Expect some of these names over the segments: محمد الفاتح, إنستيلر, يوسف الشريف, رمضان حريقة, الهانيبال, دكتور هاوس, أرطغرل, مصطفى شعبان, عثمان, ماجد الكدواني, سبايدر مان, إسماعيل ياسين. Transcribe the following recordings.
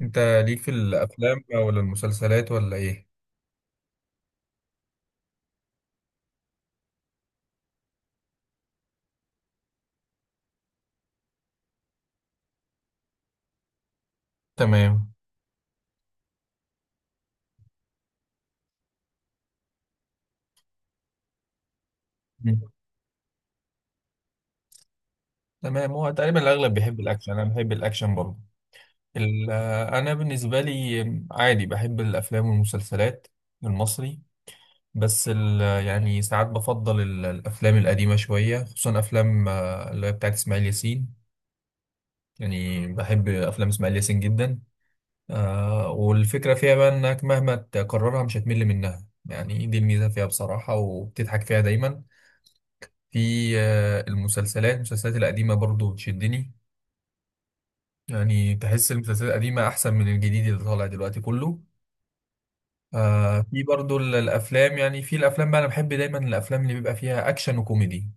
انت ليك في الافلام ولا المسلسلات ولا ايه؟ تمام. مم. تمام، هو تقريبا الاغلب بيحب الاكشن، انا بحب الاكشن برضه. انا بالنسبه لي عادي بحب الافلام والمسلسلات المصري. بس ال- يعني ساعات بفضل الافلام القديمه شويه، خصوصا افلام اللي هي بتاعت اسماعيل ياسين. يعني بحب افلام اسماعيل ياسين جدا. والفكره فيها بقى انك مهما تكررها مش هتمل منها، يعني دي الميزه فيها بصراحه، وبتضحك فيها دايما. في المسلسلات القديمة برضو بتشدني. يعني تحس المسلسلات القديمة أحسن من الجديد اللي طالع دلوقتي كله. في برضو الأفلام، يعني في الأفلام بقى أنا بحب دايما الأفلام اللي بيبقى فيها أكشن وكوميدي.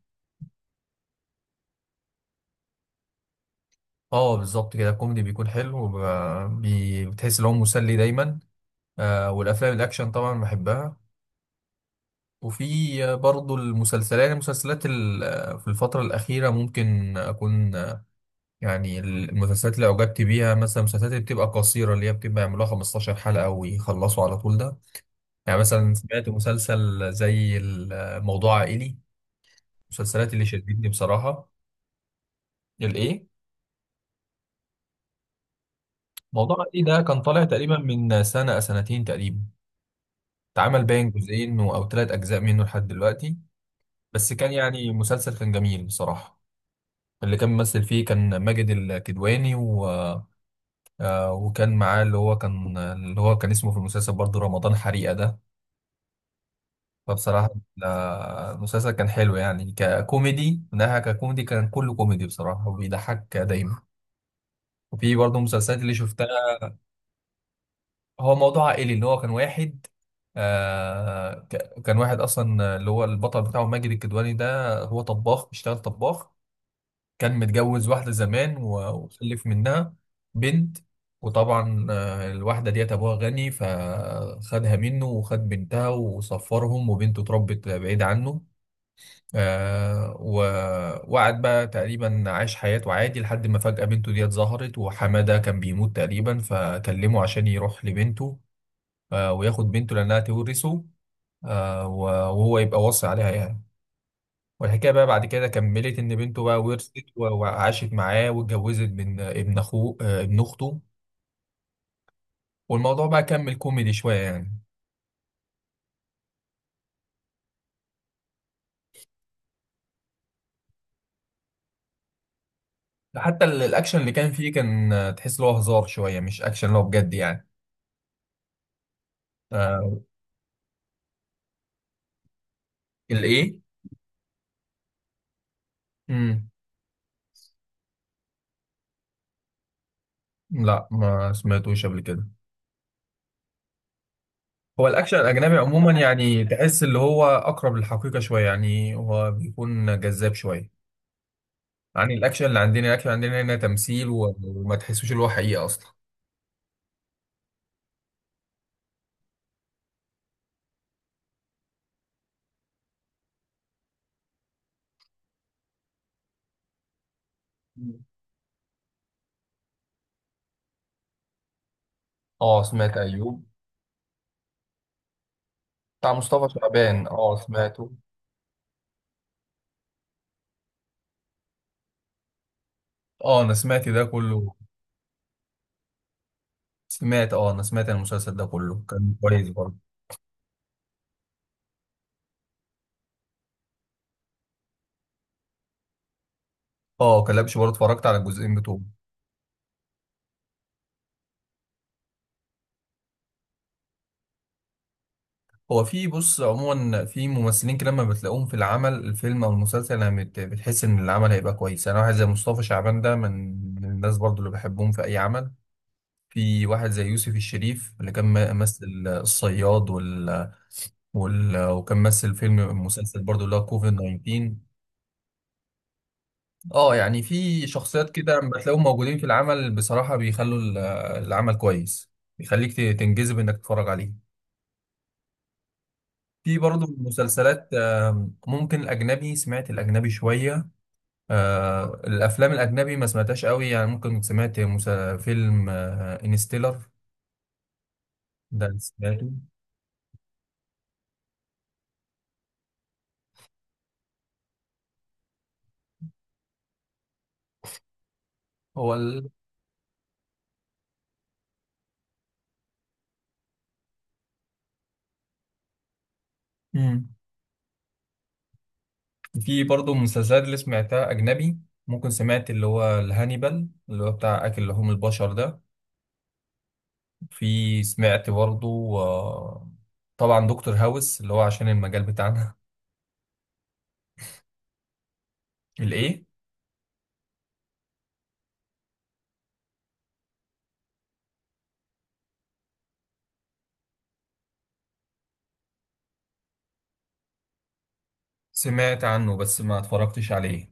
اه بالظبط كده، الكوميدي بيكون حلو، وب- بي- بتحس إن هو مسلي دايما. والأفلام الأكشن طبعا بحبها. وفي برضو المسلسلات في الفترة الأخيرة ممكن أكون، يعني المسلسلات اللي أعجبت بيها، مثلا المسلسلات اللي بتبقى قصيرة اللي هي بتبقى يعملوها 15 حلقة ويخلصوا على طول، ده يعني مثلا سمعت مسلسل زي موضوع عائلي، المسلسلات اللي شدتني بصراحة. الإيه؟ موضوع عائلي ده كان طالع تقريبا من سنة أو سنتين تقريبا، اتعمل باين جزئين أو 3 أجزاء منه لحد دلوقتي. بس كان يعني مسلسل كان جميل بصراحة. اللي كان ممثل فيه كان ماجد الكدواني وكان معاه اللي هو كان اسمه في المسلسل برضه رمضان حريقة ده، فبصراحة ال- المسلسل كان حلو يعني ككوميدي. من ناحية ككوميدي كان كله كوميدي بصراحة، وبيضحك دايما. وفي برضه مسلسلات اللي شفتها. هو موضوع عائلي اللي هو كان واحد، كان واحد أصلا، اللي هو البطل بتاعه ماجد الكدواني ده هو طباخ، بيشتغل طباخ. كان متجوز واحدة زمان و- وخلف منها بنت. وطبعا الواحدة ديت أبوها غني، فخدها منه وخد بنتها وصفرهم، وبنته اتربت بعيد عنه. آه و- وقعد بقى تقريبا عاش حياته عادي، لحد ما فجأة بنته ديت ظهرت، وحمادة كان بيموت تقريبا، فكلمه عشان يروح لبنته. وياخد بنته لأنها تورثه، آه و- وهو يبقى واصي عليها يعني. والحكاية بقى بعد كده كملت إن بنته بقى ورثت و- وعاشت معاه واتجوزت من ابن أخوه، ابن أخته. والموضوع بقى كمل كوميدي شوية يعني. حتى الأكشن اللي كان فيه كان تحس إن هو هزار شوية مش أكشن اللي هو بجد يعني. آه الإيه؟ مم. لا، ما سمعتوش قبل كده. هو الاكشن الاجنبي عموما يعني تحس اللي هو اقرب للحقيقه شويه، يعني هو بيكون جذاب شويه عن الاكشن اللي عندنا. الاكشن عندنا هنا تمثيل و- وما تحسوش اللي هو حقيقه اصلا. اه سمعت ايوب، بتاع مصطفى شعبان، اه سمعته. اه انا سمعت ده كله. سمعت اه، انا سمعت المسلسل ده كله، كان كويس برضه. اه كلبش برضه اتفرجت على الجزئين بتوعه. هو في بص عموما في ممثلين كده لما بتلاقوهم في العمل، الفيلم او المسلسل، انا بتحس ان العمل هيبقى كويس. انا واحد زي مصطفى شعبان ده من الناس برضو اللي بحبهم في اي عمل. في واحد زي يوسف الشريف اللي كان مثل الصياد وكان مثل فيلم، مسلسل برضو، اللي هو كوفيد 19. اه يعني في شخصيات كده لما بتلاقيهم موجودين في العمل بصراحة بيخلوا العمل كويس، بيخليك تنجذب انك تتفرج عليه. في برضه مسلسلات ممكن الأجنبي، سمعت الأجنبي شوية. الأفلام الأجنبي ما سمعتهاش قوي. يعني ممكن سمعت فيلم انستيلر ده اللي سمعته. هو ال... مم. في برضه مسلسلات اللي سمعتها أجنبي، ممكن سمعت اللي هو الهانيبال اللي هو بتاع أكل لحوم البشر ده. في سمعت برضه آه، طبعا دكتور هاوس اللي هو عشان المجال بتاعنا. الإيه؟ سمعت عنه بس ما اتفرجتش عليه.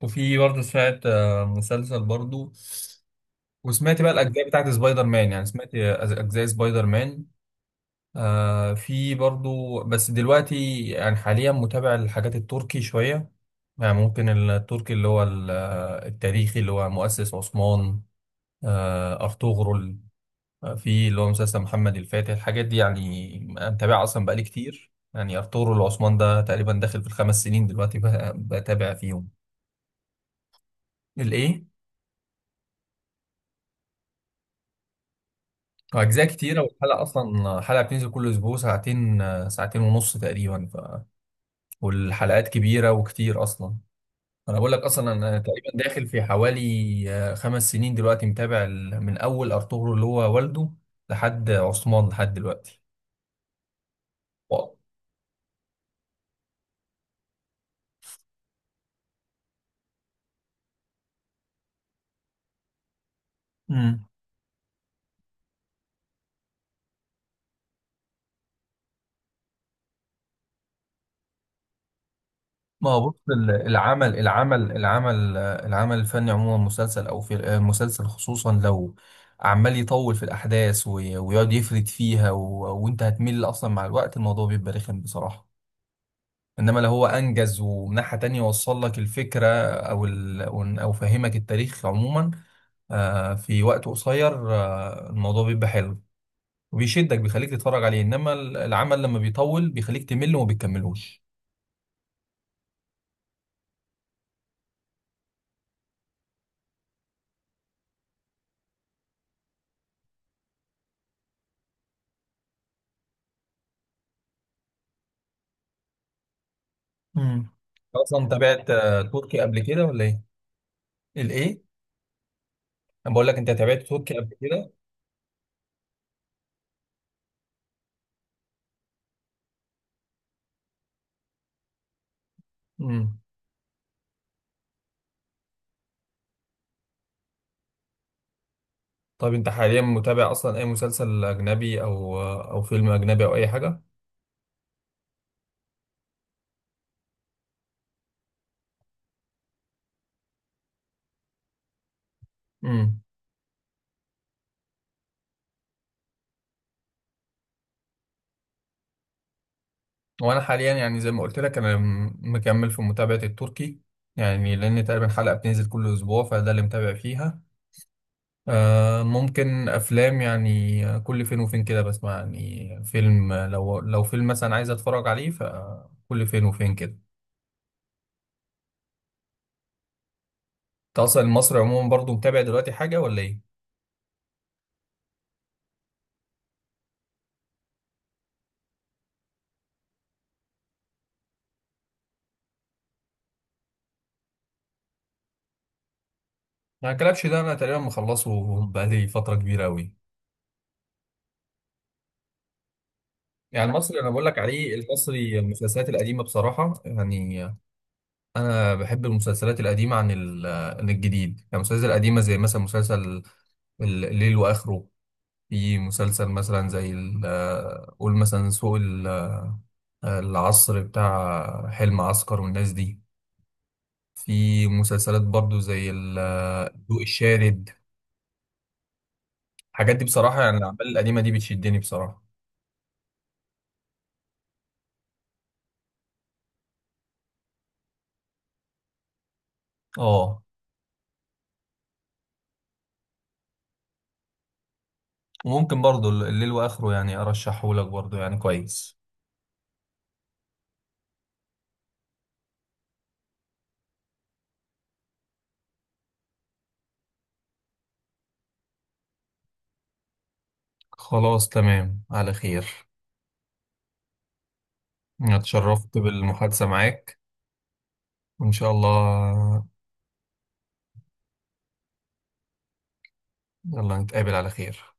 وفي برضه سمعت مسلسل برضه. وسمعت بقى الأجزاء بتاعت سبايدر مان، يعني سمعت أجزاء سبايدر مان. في برضه، بس دلوقتي يعني حاليا متابع الحاجات التركي شوية. يعني ممكن التركي اللي هو التاريخي اللي هو مؤسس عثمان، أرطغرل. في اللي هو مسلسل محمد الفاتح، الحاجات دي يعني متابعها أصلا بقالي كتير. يعني أرطغرل وعثمان ده تقريبا داخل في الخمس سنين دلوقتي بتابع فيهم. الإيه؟ أجزاء كتيرة، والحلقة أصلا حلقة بتنزل كل أسبوع ساعتين ونص تقريبا والحلقات كبيرة وكتير أصلا. أنا بقول لك أصلا أنا تقريبا داخل في حوالي 5 سنين دلوقتي متابع من أول أرطغرل اللي هو والده لحد عثمان لحد دلوقتي. واو. ما هو بص العمل الفني عموما مسلسل او في مسلسل، خصوصا لو عمال يطول في الاحداث وي- ويقعد يفرد فيها و- وانت هتمل اصلا، مع الوقت الموضوع بيبقى رخم بصراحه. انما لو هو انجز، ومن ناحيه تانية وصل لك الفكره، او ال او أو فهمك التاريخ عموما في وقت قصير، الموضوع بيبقى حلو وبيشدك، بيخليك تتفرج عليه. انما العمل لما بيطول بيخليك تمل وما بتكملوش. امم اصلا تابعت تركي قبل كده ولا ايه؟ الايه؟ انا بقول لك، انت تابعت تركي قبل كده؟ امم طب انت حاليا متابع اصلا اي مسلسل اجنبي او او فيلم اجنبي او اي حاجه؟ امم وانا حاليا يعني زي ما قلت لك انا مكمل في متابعه التركي، يعني لان تقريبا حلقه بتنزل كل اسبوع، فده اللي متابع فيها. ممكن افلام يعني، كل فين وفين كده بسمع يعني فيلم، لو فيلم مثلا عايز اتفرج عليه فكل فين وفين كده. انت اصلا المصري عموما برضو متابع دلوقتي حاجه ولا ايه؟ ما الكلبش ده انا تقريبا مخلصه. بقالي فتره كبيره قوي. يعني المصري انا بقول لك عليه، المصري المسلسلات القديمه بصراحه يعني. انا بحب المسلسلات القديمه عن عن الجديد، يعني المسلسلات القديمه زي مثلا مسلسل الليل واخره. في مسلسل مثلا زي قول مثلا سوق العصر بتاع حلم عسكر والناس دي. في مسلسلات برضو زي الضوء الشارد. الحاجات دي بصراحة يعني الأعمال القديمة دي بتشدني بصراحة. اه وممكن برضو الليل وآخره يعني أرشحه لك برضو يعني كويس. خلاص تمام، على خير. أنا اتشرفت بالمحادثة معاك، وإن شاء الله. يلا نتقابل على خير.